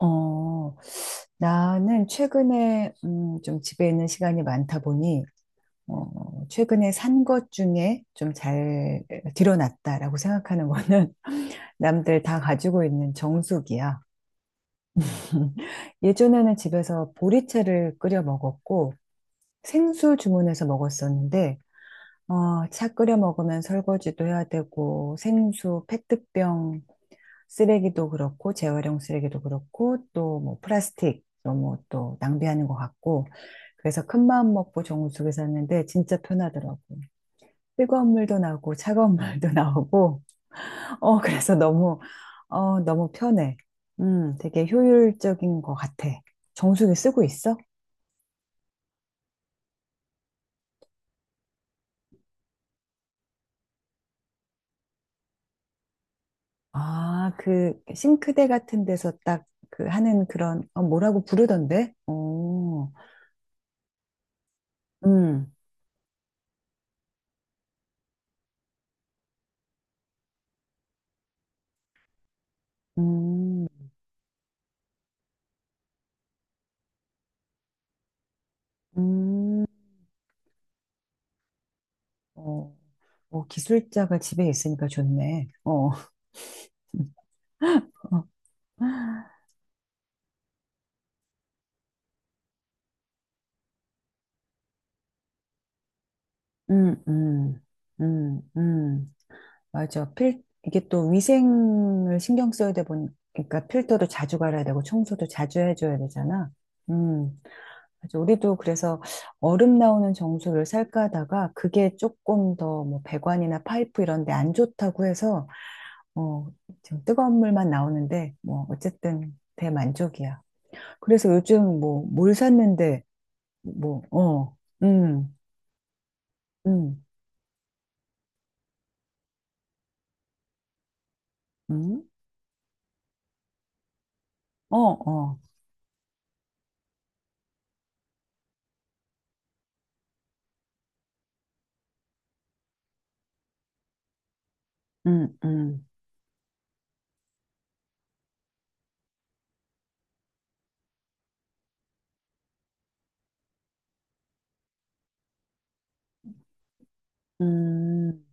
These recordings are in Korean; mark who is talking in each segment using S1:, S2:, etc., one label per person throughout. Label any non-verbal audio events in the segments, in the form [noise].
S1: 어, 나는 최근에 좀 집에 있는 시간이 많다 보니 최근에 산 것 중에 좀 잘 들여놨다라고 생각하는 거는 [laughs] 남들 다 가지고 있는 정수기야. [laughs] 예전에는 집에서 보리차를 끓여 먹었고 생수 주문해서 먹었었는데 차 끓여 먹으면 설거지도 해야 되고 생수 페트병 쓰레기도 그렇고 재활용 쓰레기도 그렇고 또 뭐 플라스틱 너무 또 낭비하는 것 같고 그래서 큰 마음 먹고 정우숙에 샀는데 진짜 편하더라고. 뜨거운 물도 나오고 차가운 [laughs] 물도 나오고 어 그래서 너무 어 너무 편해. 되게 효율적인 것 같아. 정수기 쓰고 있어? 아, 그 싱크대 같은 데서 딱 그 하는 그런 뭐라고 부르던데? 어, 음, 음, 음. 어, 어, 기술자가 집에 있으니까 좋네. 어. [laughs] 음, 음, 음, 음. 맞아. 이게 또 위생을 신경 써야 돼 보니까 필터도 자주 갈아야 되고 청소도 자주 해줘야 되잖아. 음. 맞아. 우리도 그래서 얼음 나오는 정수를 살까 하다가 그게 조금 더 뭐 배관이나 파이프 이런 데 안 좋다고 해서 어, 지금 뜨거운 물만 나오는데 뭐 어쨌든 대만족이야. 그래서 요즘 뭐 물 샀는데 뭐, 어, 음, 음, 음, 어, 어, 음, 음, 음,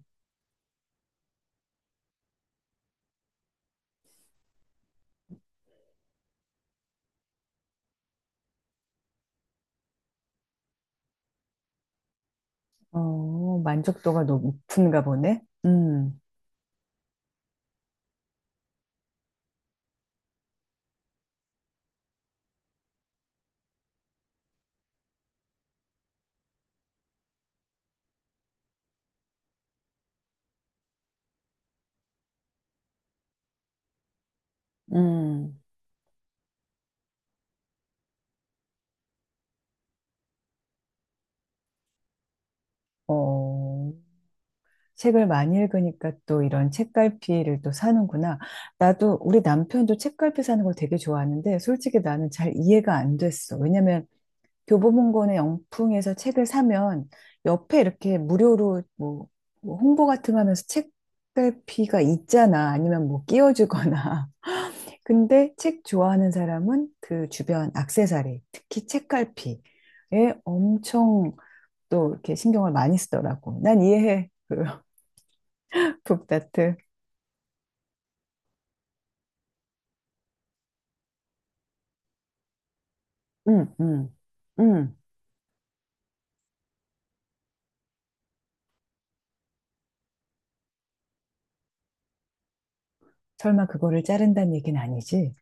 S1: 어, 만족도가 높은가 보네. 음, 어, 책을 많이 읽으니까 또 이런 책갈피를 또 사는구나. 나도, 우리 남편도 책갈피 사는 걸 되게 좋아하는데, 솔직히 나는 잘 이해가 안 됐어. 왜냐면 교보문고는 영풍에서 책을 사면 옆에 이렇게 무료로 뭐, 뭐 홍보 같은 거 하면서 책갈피가 있잖아. 아니면 뭐 끼워주거나. [laughs] 근데 책 좋아하는 사람은 그 주변 액세서리, 특히 책갈피에 엄청 또 이렇게 신경을 많이 쓰더라고. 난 이해해. 그 [laughs] 북다트. 응, 응, 응. 설마 그거를 자른다는 얘기는 아니지?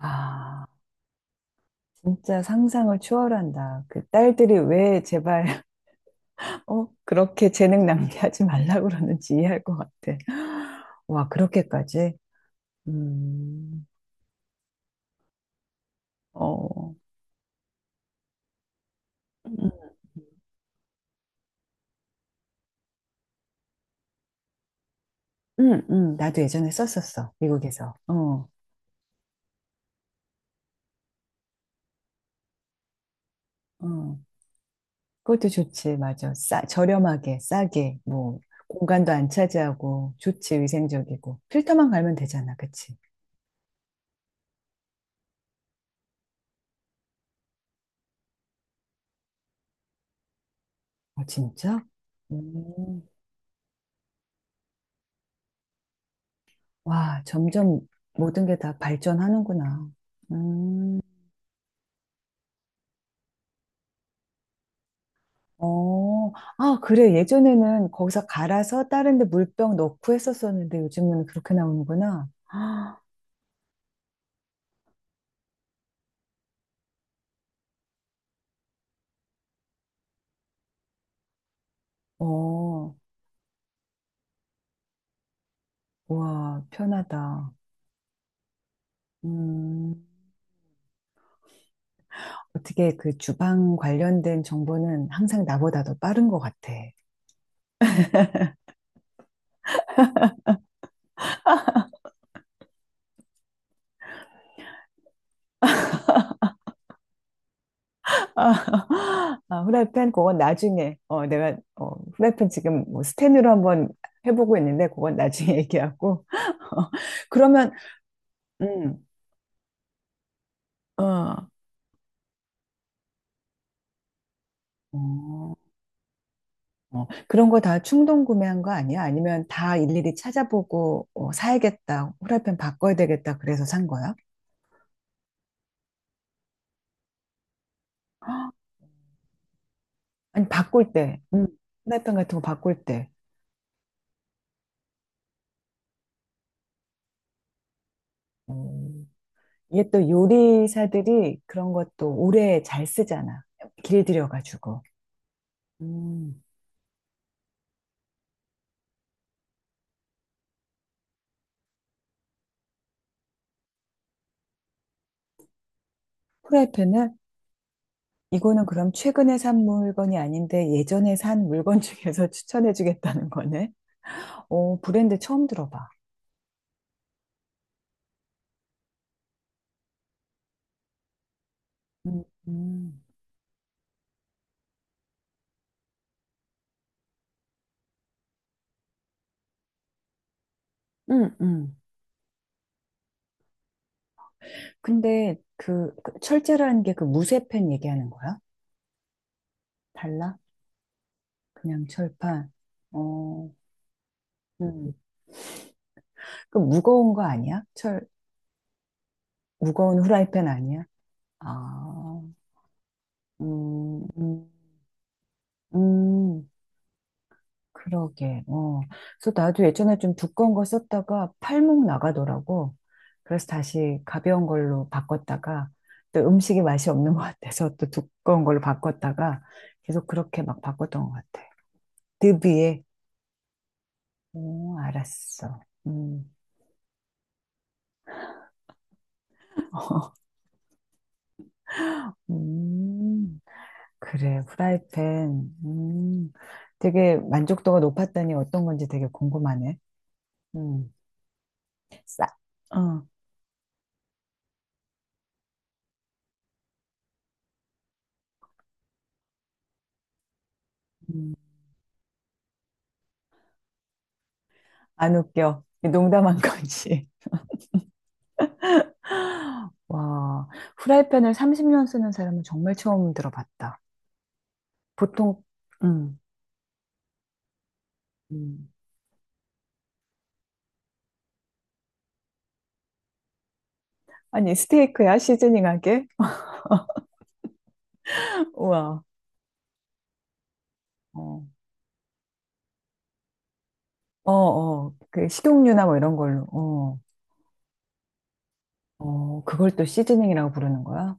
S1: 아, 진짜 상상을 초월한다. 그 딸들이 왜 제발 그렇게 재능 낭비하지 말라고 그러는지 이해할 것 같아. 와, 그렇게까지? 음, 어, 음, 나도 예전에 썼었어, 미국에서. 어, 어. 그것도 좋지, 맞아. 싸, 저렴하게, 싸게, 뭐, 공간도 안 차지하고, 좋지, 위생적이고. 필터만 갈면 되잖아, 그치? 어, 진짜? 음, 와, 점점 모든 게 다 발전하는구나. 음. 어, 아, 그래. 예전에는 거기서 갈아서 다른 데 물병 넣고 했었었는데 요즘은 그렇게 나오는구나. 아, 어, 와, 편하다. 음, 어떻게 그 주방 관련된 정보는 항상 나보다 더 빠른 것 같아. 아, [laughs] 아, 후라이팬 그건 나중에 어 내가 어 후라이팬 지금 뭐 스텐으로 한번 해보고 있는데 그건 나중에 [laughs] 얘기하고 [laughs] 그러면 음 어. 어. 어, 그런 거 다 충동 구매한 거 아니야? 아니면 다 일일이 찾아보고 어, 사야겠다, 후라이팬 바꿔야 되겠다, 그래서 산 거야? [gasps] 헉, 아니, 바꿀 때, 후라이팬 같은 거 바꿀 때. 음, 이게 또 요리사들이 그런 것도 오래 잘 쓰잖아. 길들여가지고. 음, 후라이팬을 이거는 그럼 최근에 산 물건이 아닌데 예전에 산 물건 중에서 [laughs] 추천해주겠다는 거네. 어, 브랜드 처음 들어봐. 음, 음, 음. 근데 그 철제라는 게 그 무쇠팬 얘기하는 거야? 달라? 그냥 철판. 어, 음. 그 무거운 거 아니야? 철, 무거운 후라이팬 아니야? 아, 음, 음, 음, 그러게. 어. 그래서 나도 예전에 좀 두꺼운 거 썼다가 팔목 나가더라고. 그래서 다시 가벼운 걸로 바꿨다가 또 음식이 맛이 없는 것 같아서 또 두꺼운 걸로 바꿨다가 계속 그렇게 막 바꿨던 것 같아. 드비에 오, 알았어. 음. [laughs] 음, 그래, 프라이팬. 되게 만족도가 높았다니 어떤 건지 되게 궁금하네. 음, 싸, 어, 음, 안 웃겨. 농담한 거지. [laughs] 와, 프라이팬을 30년 쓰는 사람은 정말 처음 들어봤다. 보통, 음, 음. 아니, 스테이크야? 시즈닝하게? [laughs] 우와. 어, 어, 어. 그 식용유나 뭐 이런 걸로. 어, 어, 그걸 또 시즈닝이라고 부르는 거야?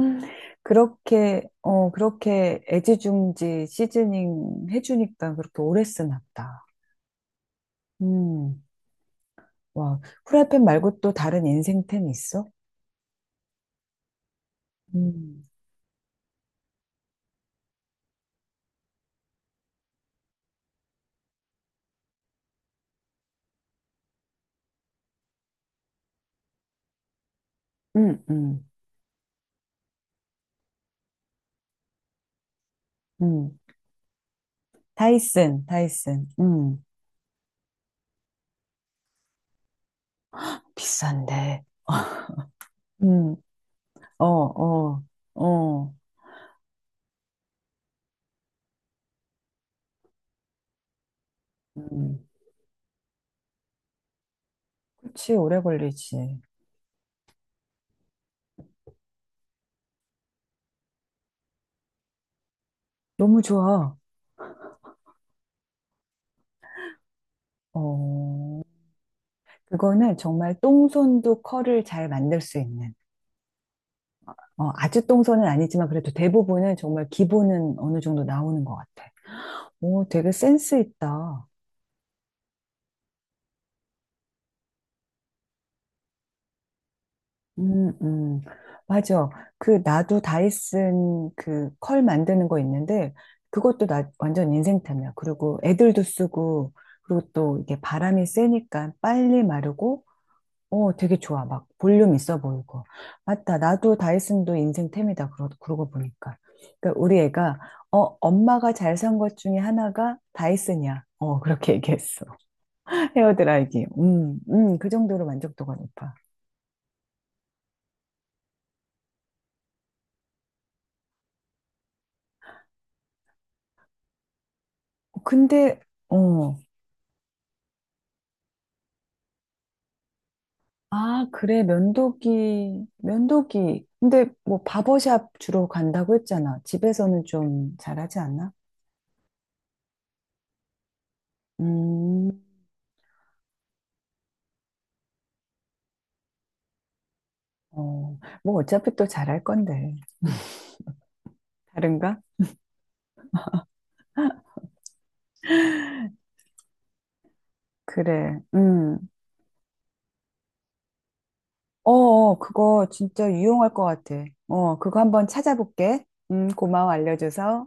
S1: 음. 그렇게, 어, 그렇게 애지중지 시즈닝 해주니까 그렇게 오래 쓰나 보다. 음, 와. 프라이팬 말고 또 다른 인생템 있어? 음, 음, 음, 음. 다이슨, 다이슨. 비싼데. 음, 어, 어, 어. 음, 그치, 오래 걸리지. 너무 좋아. 어, 그거는 정말 똥손도 컬을 잘 만들 수 있는. 어, 아주 똥손은 아니지만 그래도 대부분은 정말 기본은 어느 정도 나오는 것 같아. 오, 되게 센스 있다. 음, 음. 맞아. 그, 나도 다이슨 그 컬 만드는 거 있는데, 그것도 나 완전 인생템이야. 그리고 애들도 쓰고, 그리고 또 이게 바람이 세니까 빨리 마르고, 어, 되게 좋아. 막 볼륨 있어 보이고. 맞다. 나도 다이슨도 인생템이다. 그러고 보니까. 그러니까 우리 애가 어, 엄마가 잘 산 것 중에 하나가 다이슨이야. 어, 그렇게 얘기했어. [laughs] 헤어드라이기. 그 정도로 만족도가 높아. 근데 어, 아, 그래. 면도기. 면도기. 근데 뭐 바버샵 주로 간다고 했잖아. 집에서는 좀 잘하지 않나? 음. 어, 뭐 어차피 또 잘할 건데. 다른가? 그래. 음. 어어, 그거 진짜 유용할 것 같아. 어, 그거 한번 찾아볼게. 고마워, 알려줘서.